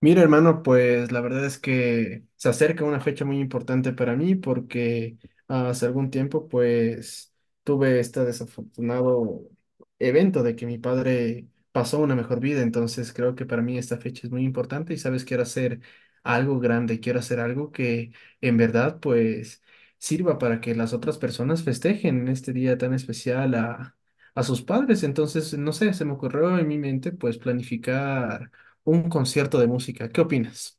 Mira, hermano, pues la verdad es que se acerca una fecha muy importante para mí porque hace algún tiempo pues tuve este desafortunado evento de que mi padre pasó una mejor vida, entonces creo que para mí esta fecha es muy importante y sabes, quiero hacer algo grande, quiero hacer algo que en verdad pues sirva para que las otras personas festejen en este día tan especial a sus padres. Entonces no sé, se me ocurrió en mi mente pues planificar un concierto de música. ¿Qué opinas?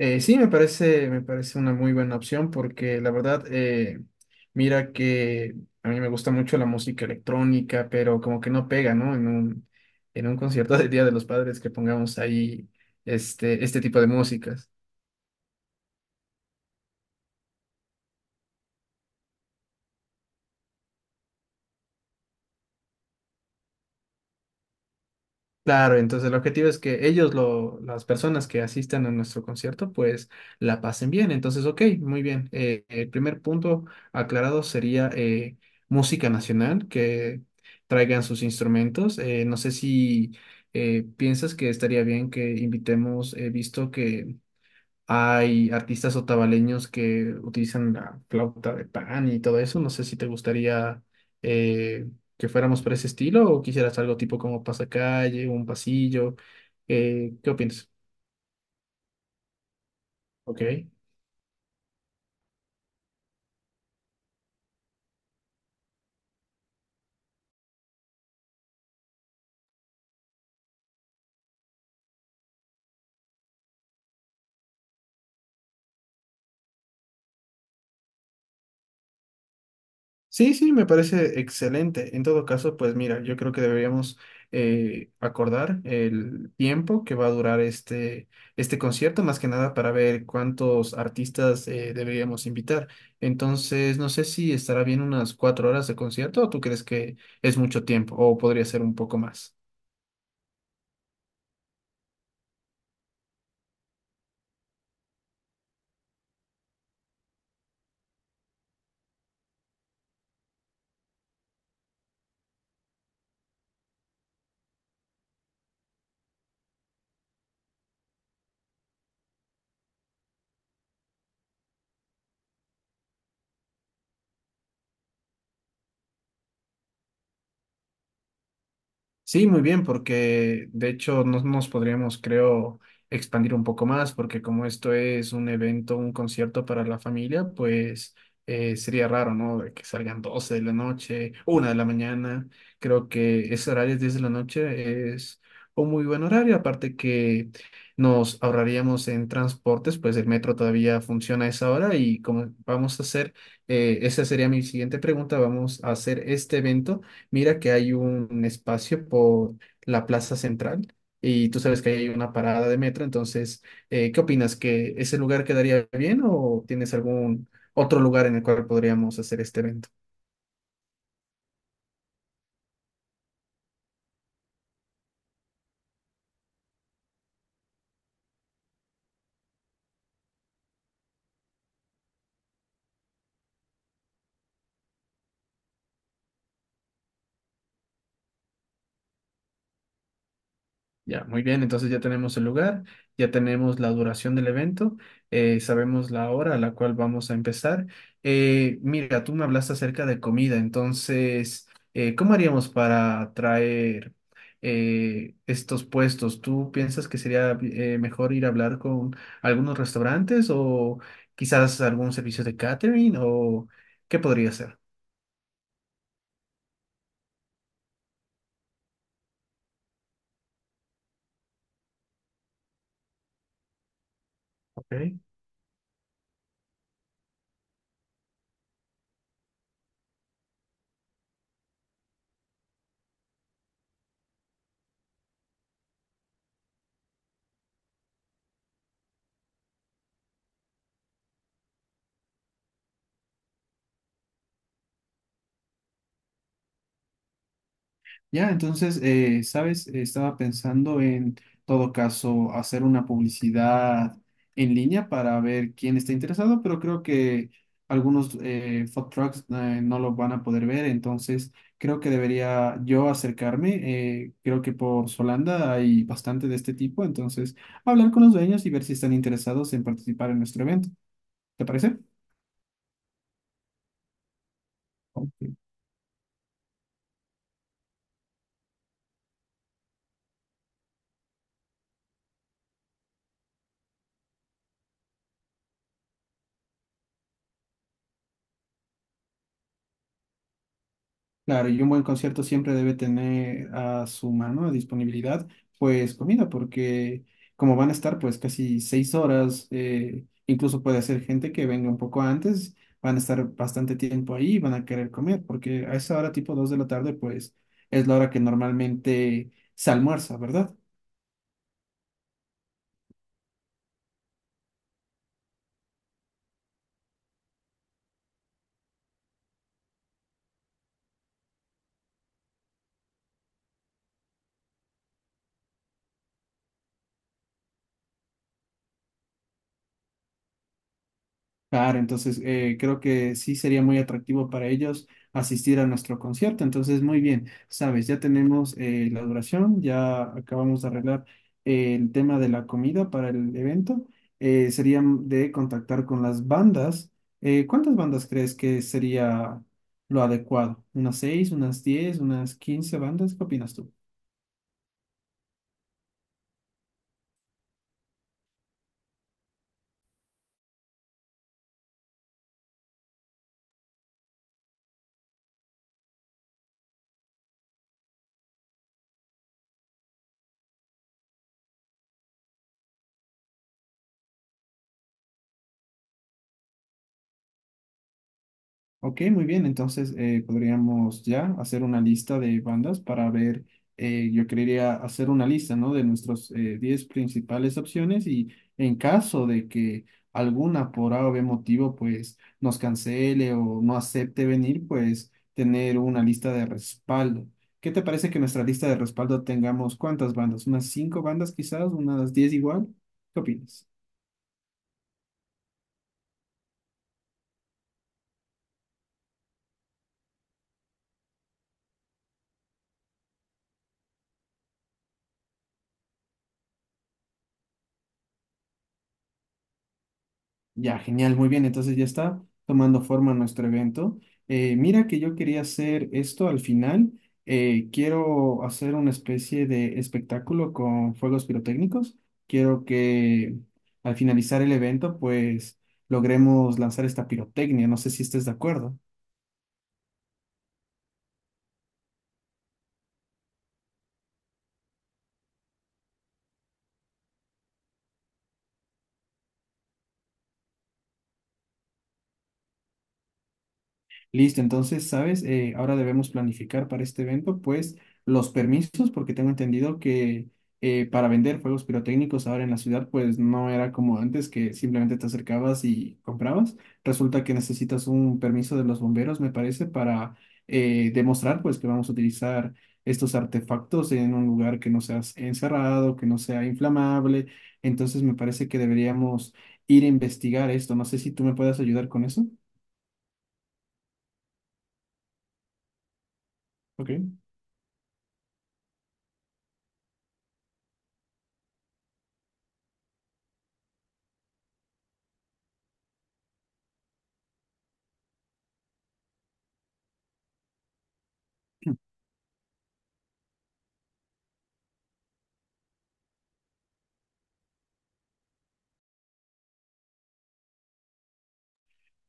Sí, me parece una muy buena opción porque la verdad, mira que a mí me gusta mucho la música electrónica, pero como que no pega, ¿no? En un concierto del Día de los Padres que pongamos ahí este tipo de músicas. Claro, entonces el objetivo es que las personas que asistan a nuestro concierto, pues la pasen bien. Entonces, ok, muy bien. El primer punto aclarado sería música nacional, que traigan sus instrumentos. No sé si piensas que estaría bien que invitemos. He visto que hay artistas otavaleños que utilizan la flauta de pan y todo eso. No sé si te gustaría eh, que fuéramos por ese estilo o quisieras algo tipo como pasacalle, un pasillo. ¿qué opinas? Ok. Sí, sí, me parece excelente. En todo caso, pues mira, yo creo que deberíamos acordar el tiempo que va a durar este concierto, más que nada para ver cuántos artistas deberíamos invitar. Entonces, no sé si estará bien unas 4 horas de concierto o tú crees que es mucho tiempo o podría ser un poco más. Sí, muy bien, porque de hecho nos podríamos, creo, expandir un poco más, porque como esto es un evento, un concierto para la familia, pues sería raro, ¿no? De que salgan 12 de la noche, una de la mañana. Creo que ese horario 10 de la noche es un muy buen horario, aparte que nos ahorraríamos en transportes, pues el metro todavía funciona a esa hora. Y como vamos a hacer, esa sería mi siguiente pregunta, vamos a hacer este evento, mira que hay un espacio por la plaza central y tú sabes que ahí hay una parada de metro. Entonces, ¿qué opinas? ¿Que ese lugar quedaría bien o tienes algún otro lugar en el cual podríamos hacer este evento? Ya, muy bien, entonces ya tenemos el lugar, ya tenemos la duración del evento, sabemos la hora a la cual vamos a empezar. Mira, tú me hablaste acerca de comida. Entonces, ¿cómo haríamos para traer estos puestos? ¿Tú piensas que sería mejor ir a hablar con algunos restaurantes o quizás algún servicio de catering o qué podría ser? Ok. Ya, entonces, ¿sabes? Estaba pensando en todo caso hacer una publicidad en línea para ver quién está interesado, pero creo que algunos food trucks no lo van a poder ver. Entonces creo que debería yo acercarme. Creo que por Solanda hay bastante de este tipo, entonces hablar con los dueños y ver si están interesados en participar en nuestro evento. ¿Te parece? Claro, y un buen concierto siempre debe tener a su mano, a disponibilidad, pues comida, porque como van a estar pues casi 6 horas, incluso puede ser gente que venga un poco antes, van a estar bastante tiempo ahí y van a querer comer, porque a esa hora tipo 2 de la tarde pues es la hora que normalmente se almuerza, ¿verdad? Claro, entonces creo que sí sería muy atractivo para ellos asistir a nuestro concierto. Entonces, muy bien, sabes, ya tenemos la duración, ya acabamos de arreglar el tema de la comida para el evento. Sería de contactar con las bandas. ¿cuántas bandas crees que sería lo adecuado? ¿Unas 6, unas 10, unas 15 bandas? ¿Qué opinas tú? Ok, muy bien. Entonces podríamos ya hacer una lista de bandas para ver. Yo quería hacer una lista, ¿no? De nuestros 10 principales opciones y en caso de que alguna por A o B motivo pues nos cancele o no acepte venir, pues tener una lista de respaldo. ¿Qué te parece que nuestra lista de respaldo tengamos cuántas bandas? ¿Unas 5 bandas quizás? ¿Unas 10 igual? ¿Qué opinas? Ya, genial, muy bien. Entonces ya está tomando forma nuestro evento. Mira que yo quería hacer esto al final. Quiero hacer una especie de espectáculo con fuegos pirotécnicos. Quiero que al finalizar el evento, pues logremos lanzar esta pirotecnia. No sé si estés de acuerdo. Listo, entonces, ¿sabes? Ahora debemos planificar para este evento, pues, los permisos, porque tengo entendido que para vender fuegos pirotécnicos ahora en la ciudad, pues no era como antes, que simplemente te acercabas y comprabas. Resulta que necesitas un permiso de los bomberos, me parece, para demostrar, pues, que vamos a utilizar estos artefactos en un lugar que no sea encerrado, que no sea inflamable. Entonces, me parece que deberíamos ir a investigar esto. No sé si tú me puedes ayudar con eso. Ok.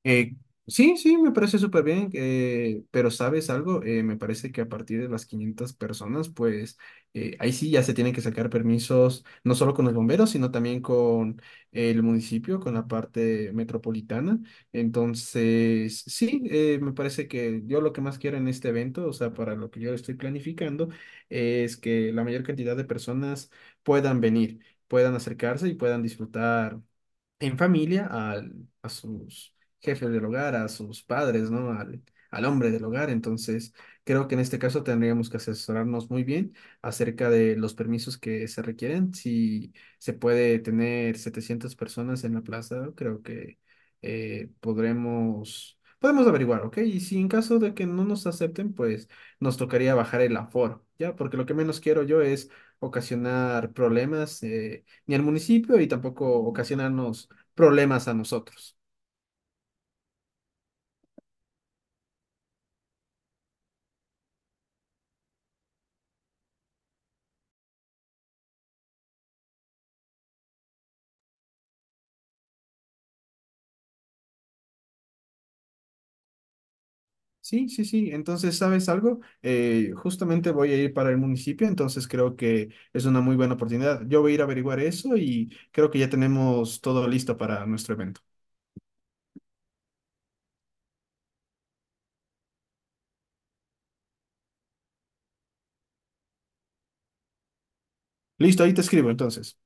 Eh, sí, sí, me parece súper bien, pero ¿sabes algo? Me parece que a partir de las 500 personas, pues ahí sí ya se tienen que sacar permisos, no solo con los bomberos, sino también con el municipio, con la parte metropolitana. Entonces, sí, me parece que yo lo que más quiero en este evento, o sea, para lo que yo estoy planificando, es que la mayor cantidad de personas puedan venir, puedan acercarse y puedan disfrutar en familia al- a sus jefes del hogar, a sus padres, ¿no? Al, al hombre del hogar. Entonces, creo que en este caso tendríamos que asesorarnos muy bien acerca de los permisos que se requieren. Si se puede tener 700 personas en la plaza, creo que podremos... Podemos averiguar, ¿ok? Y si en caso de que no nos acepten, pues nos tocaría bajar el aforo, ¿ya? Porque lo que menos quiero yo es ocasionar problemas ni al municipio y tampoco ocasionarnos problemas a nosotros. Sí, sí, sí. Entonces, ¿sabes algo? Justamente voy a ir para el municipio, entonces creo que es una muy buena oportunidad. Yo voy a ir a averiguar eso y creo que ya tenemos todo listo para nuestro evento. Listo, ahí te escribo entonces.